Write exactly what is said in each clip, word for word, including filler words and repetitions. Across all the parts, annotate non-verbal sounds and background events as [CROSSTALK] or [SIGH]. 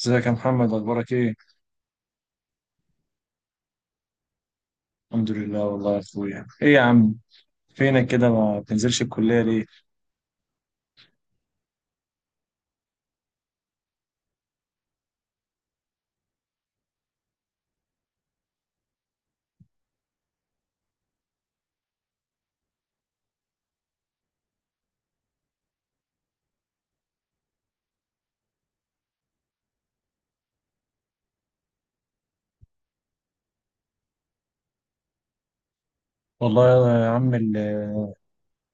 ازيك يا محمد اخبارك ايه؟ الحمد لله والله يا اخويا. ايه يا عم، فينك كده، ما بتنزلش الكليه ليه؟ والله يا عم ال-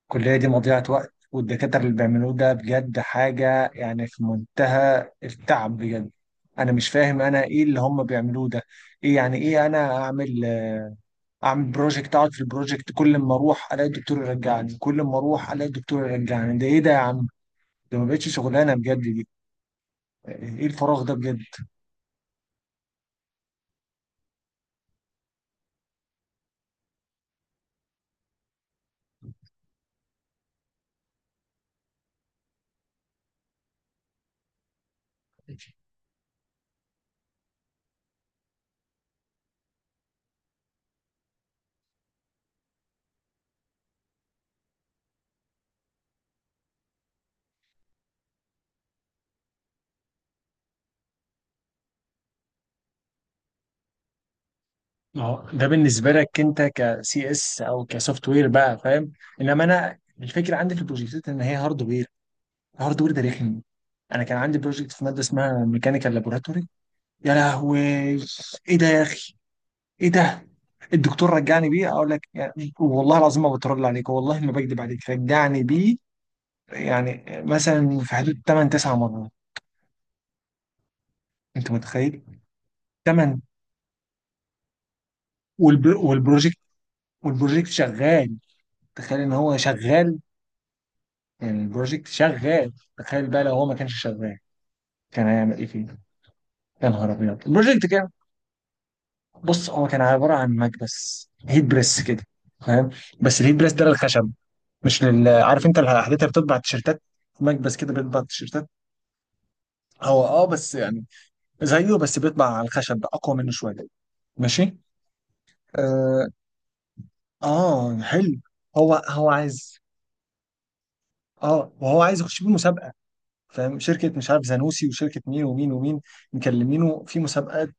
الكليه دي مضيعه وقت، والدكاتره اللي بيعملوه ده بجد حاجه يعني في منتهى التعب بجد. انا مش فاهم انا ايه اللي هم بيعملوه ده. ايه يعني، ايه انا اعمل؟ اعمل بروجكت، اقعد في البروجكت، كل ما اروح الاقي الدكتور يرجعني، كل ما اروح الاقي الدكتور يرجعني. ده ايه ده يا عم؟ ده ما بقتش شغلانه بجد دي. ايه الفراغ ده بجد؟ ما هو ده بالنسبه لك انت كسي اس او كسوفت وير بقى، فاهم؟ انما انا الفكره عندي في البروجكتات ان هي هاردوير. الهاردوير ده رخم. انا كان عندي بروجكت في ماده اسمها ميكانيكال لابوراتوري. يا لهوي، ايه ده يا اخي؟ ايه ده؟ الدكتور رجعني بيه، اقول لك يعني والله العظيم ما بترد عليك، والله ما بكذب عليك، رجعني بيه يعني مثلا في حدود تمانية تسعة مرات. انت متخيل؟ تمانية. والبروجكت، والبروجكت شغال. تخيل ان هو شغال. البروجكت شغال، تخيل بقى لو هو ما كانش شغال، كان هيعمل ايه فيه؟ يا نهار ابيض، البروجكت كان… بص، هو كان عباره عن مكبس هيت بريس كده، فاهم؟ بس الهيت بريس ده للخشب، مش لل… عارف انت الحاجات اللي بتطبع التيشيرتات؟ مكبس كده بيطبع التيشيرتات. هو اه بس يعني زيه، بس بيطبع على الخشب اقوى منه شويه. ماشي. اه، آه حلو. هو هو عايز… اه، وهو عايز يخش بيه مسابقه، فاهم؟ شركه مش عارف زانوسي، وشركه مين ومين ومين، مكلمينه في مسابقات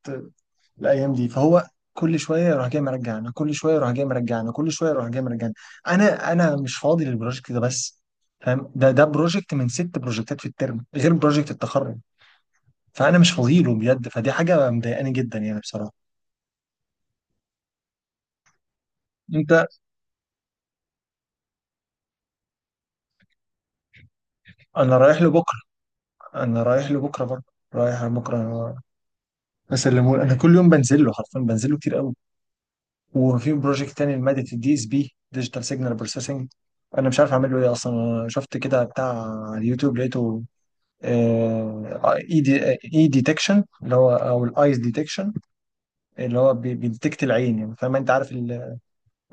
الايام دي. فهو كل شويه يروح جاي مرجعنا، كل شويه يروح جاي مرجعنا، كل شويه يروح جاي مرجعنا. انا انا مش فاضي للبروجكت ده بس، فاهم؟ ده ده بروجكت من ست بروجكتات في الترم، غير بروجكت التخرج. فانا مش فاضي له بجد، فدي حاجه مضايقاني جدا يعني بصراحه. انت… انا رايح له بكره، انا رايح له بكره برضه، رايح له بكره، بسلمه له. انا كل يوم بنزل له، حرفيا بنزل له كتير قوي. وفي بروجكت تاني لماده الدي اس بي، ديجيتال سيجنال بروسيسنج. انا مش عارف اعمل له ايه اصلا. أنا شفت كده بتاع على اليوتيوب، لقيته اي ديتكشن، اللي هو او الايز ديتكشن، اللي هو بي- بيديتكت العين يعني، فاهم؟ انت عارف ال…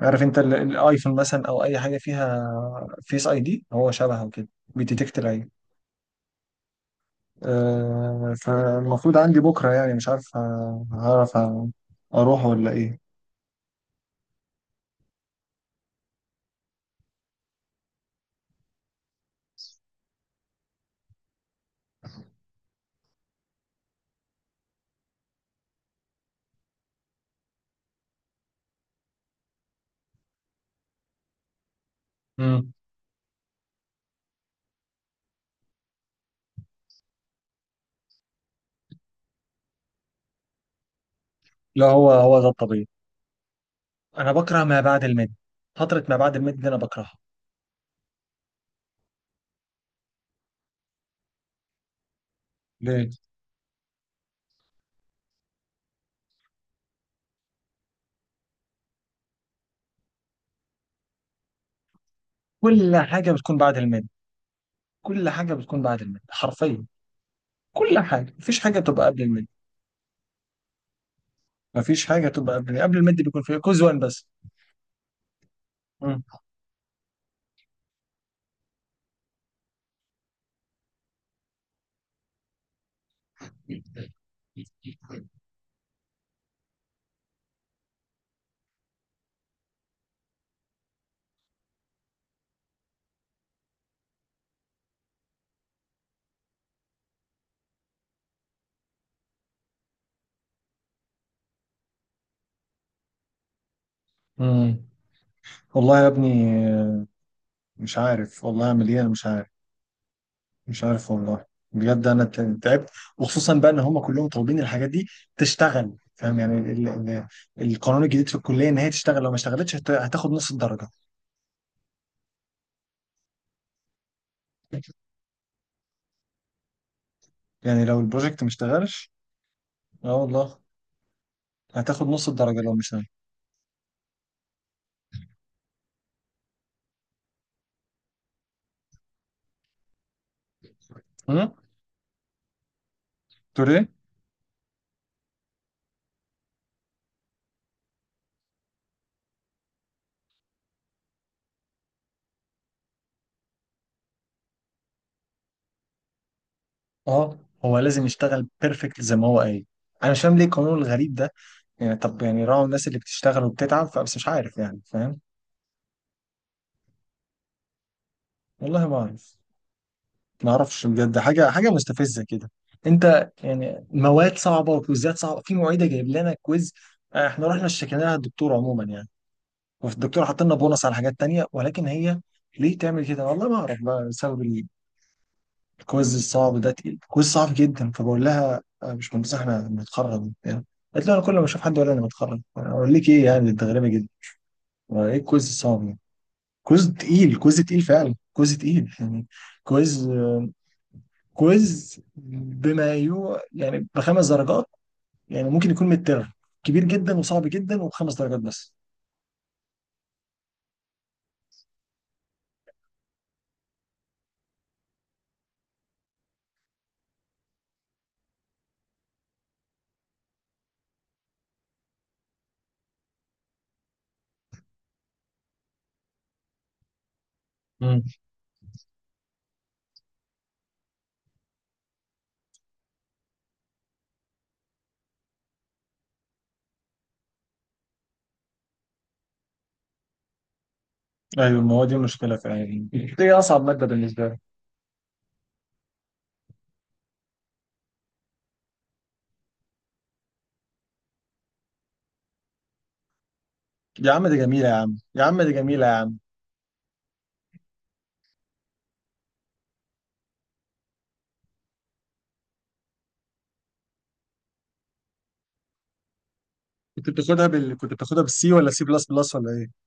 عارف انت ال- الايفون مثلا، او اي حاجه فيها فيس اي دي، هو شبهه كده، بيديتكت العين. آه، فالمفروض عندي بكره، يعني مش عارف ه- هعرف أ- اروح ولا ايه. مم. لا، هو هو ده الطبيعي. انا بكره ما بعد الميد، فتره ما بعد الميد دي انا بكرهها. ليه؟ كل حاجه بتكون بعد الميد، كل حاجه بتكون بعد الميد حرفيا، كل حاجه، مفيش حاجه بتبقى قبل الميد، مفيش حاجه تبقى قبل قبل المد، بيكون في كوز واحد بس. مم. مم. والله يا ابني، آه، مش عارف والله اعمل ايه، انا مش عارف، مش عارف والله. بجد انا ت- تعبت. وخصوصا بقى ان هم كلهم طالبين الحاجات دي تشتغل، فاهم يعني ال ال القانون الجديد في الكليه ان هي تشتغل، لو ما اشتغلتش هت- هتاخد نص الدرجه. يعني لو البروجكت ما اشتغلش. اه والله، هتاخد نص الدرجه لو مش اشتغل. امم. تقول ايه؟ اه، هو لازم يشتغل بيرفكت زي ما هو قايل. انا مش فاهم ليه القانون الغريب ده. يعني طب يعني راعوا الناس اللي بتشتغل وبتتعب، فبس مش عارف يعني، فاهم؟ والله ما اعرف، ما اعرفش بجد، حاجه حاجه مستفزه كده. انت يعني مواد صعبه وكويزات صعبه، في معيده جايب لنا كويز. آه، احنا رحنا اشتكيناها للدكتور عموما يعني، والدكتور حط لنا بونص على حاجات تانية، ولكن هي ليه تعمل كده؟ والله ما اعرف بقى، بسبب الكويز الصعب ده، تقيل كويز صعب جدا. فبقول لها آه، مش مهندسه احنا بنتخرج يعني؟ قالت لي انا كل ما اشوف حد ولا انا بتخرج اقول لك ايه، يعني انت غريبه جدا. ايه الكويز الصعب؟ كويز تقيل، كويز تقيل فعلا، كويز تقيل يعني، كويز آه، كويز بما يو يعني بخمس درجات، يعني ممكن يكون متر كبير جدا وصعب جدا وبخمس درجات بس. مم. ايوه، ما هو دي المشكله فعلا. دي اصعب ماده بالنسبه لي. يا عم دي جميله يا عم، يا عم دي جميله يا عم. كنت بتاخدها بال… كنت بتاخدها بالسي ولا سي بلس بلس ولا ايه؟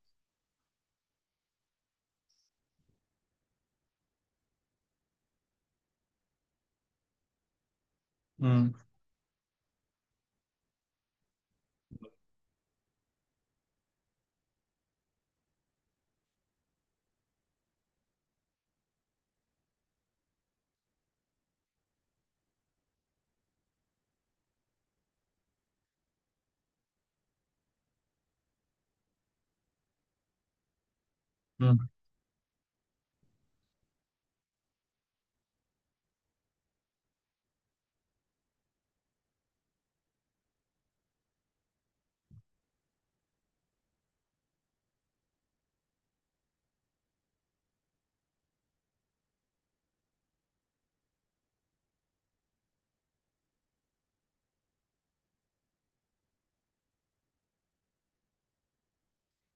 مم. مم.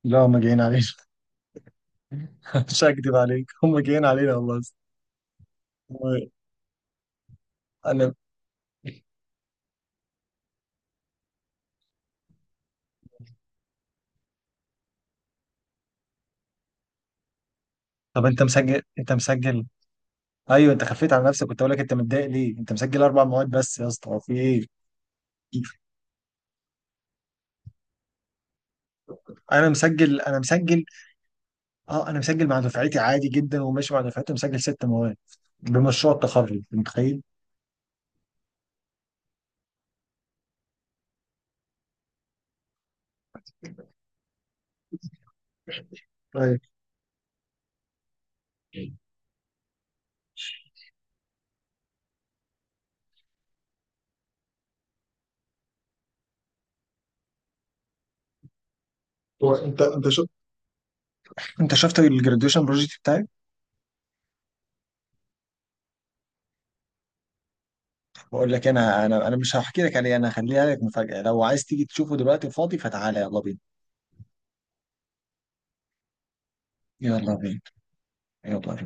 لا، هم جايين علينا. [LAUGHS] مش هكدب عليك، هم جايين علينا والله. و- انا… طب انت مسجل، انت مسجل؟ ايوه، انت خفيت على نفسك، كنت اقول لك انت متضايق ليه، انت مسجل اربع مواد بس يا اسطى، هو في ايه؟ انا مسجل، انا مسجل. اه انا مسجل مع دفعتي عادي جدا، وماشي مع دفعتي مسجل ست مواد بمشروع التخرج، أنت متخيل؟ ايوه. هو انت انت شو انت شفت الجراديويشن بروجكت بتاعي؟ بقول لك، انا انا انا مش هحكي لك عليه، انا هخليها لك مفاجأة. لو عايز تيجي تشوفه دلوقتي فاضي، فتعالى، يلا بينا، يلا بينا، يلا بينا.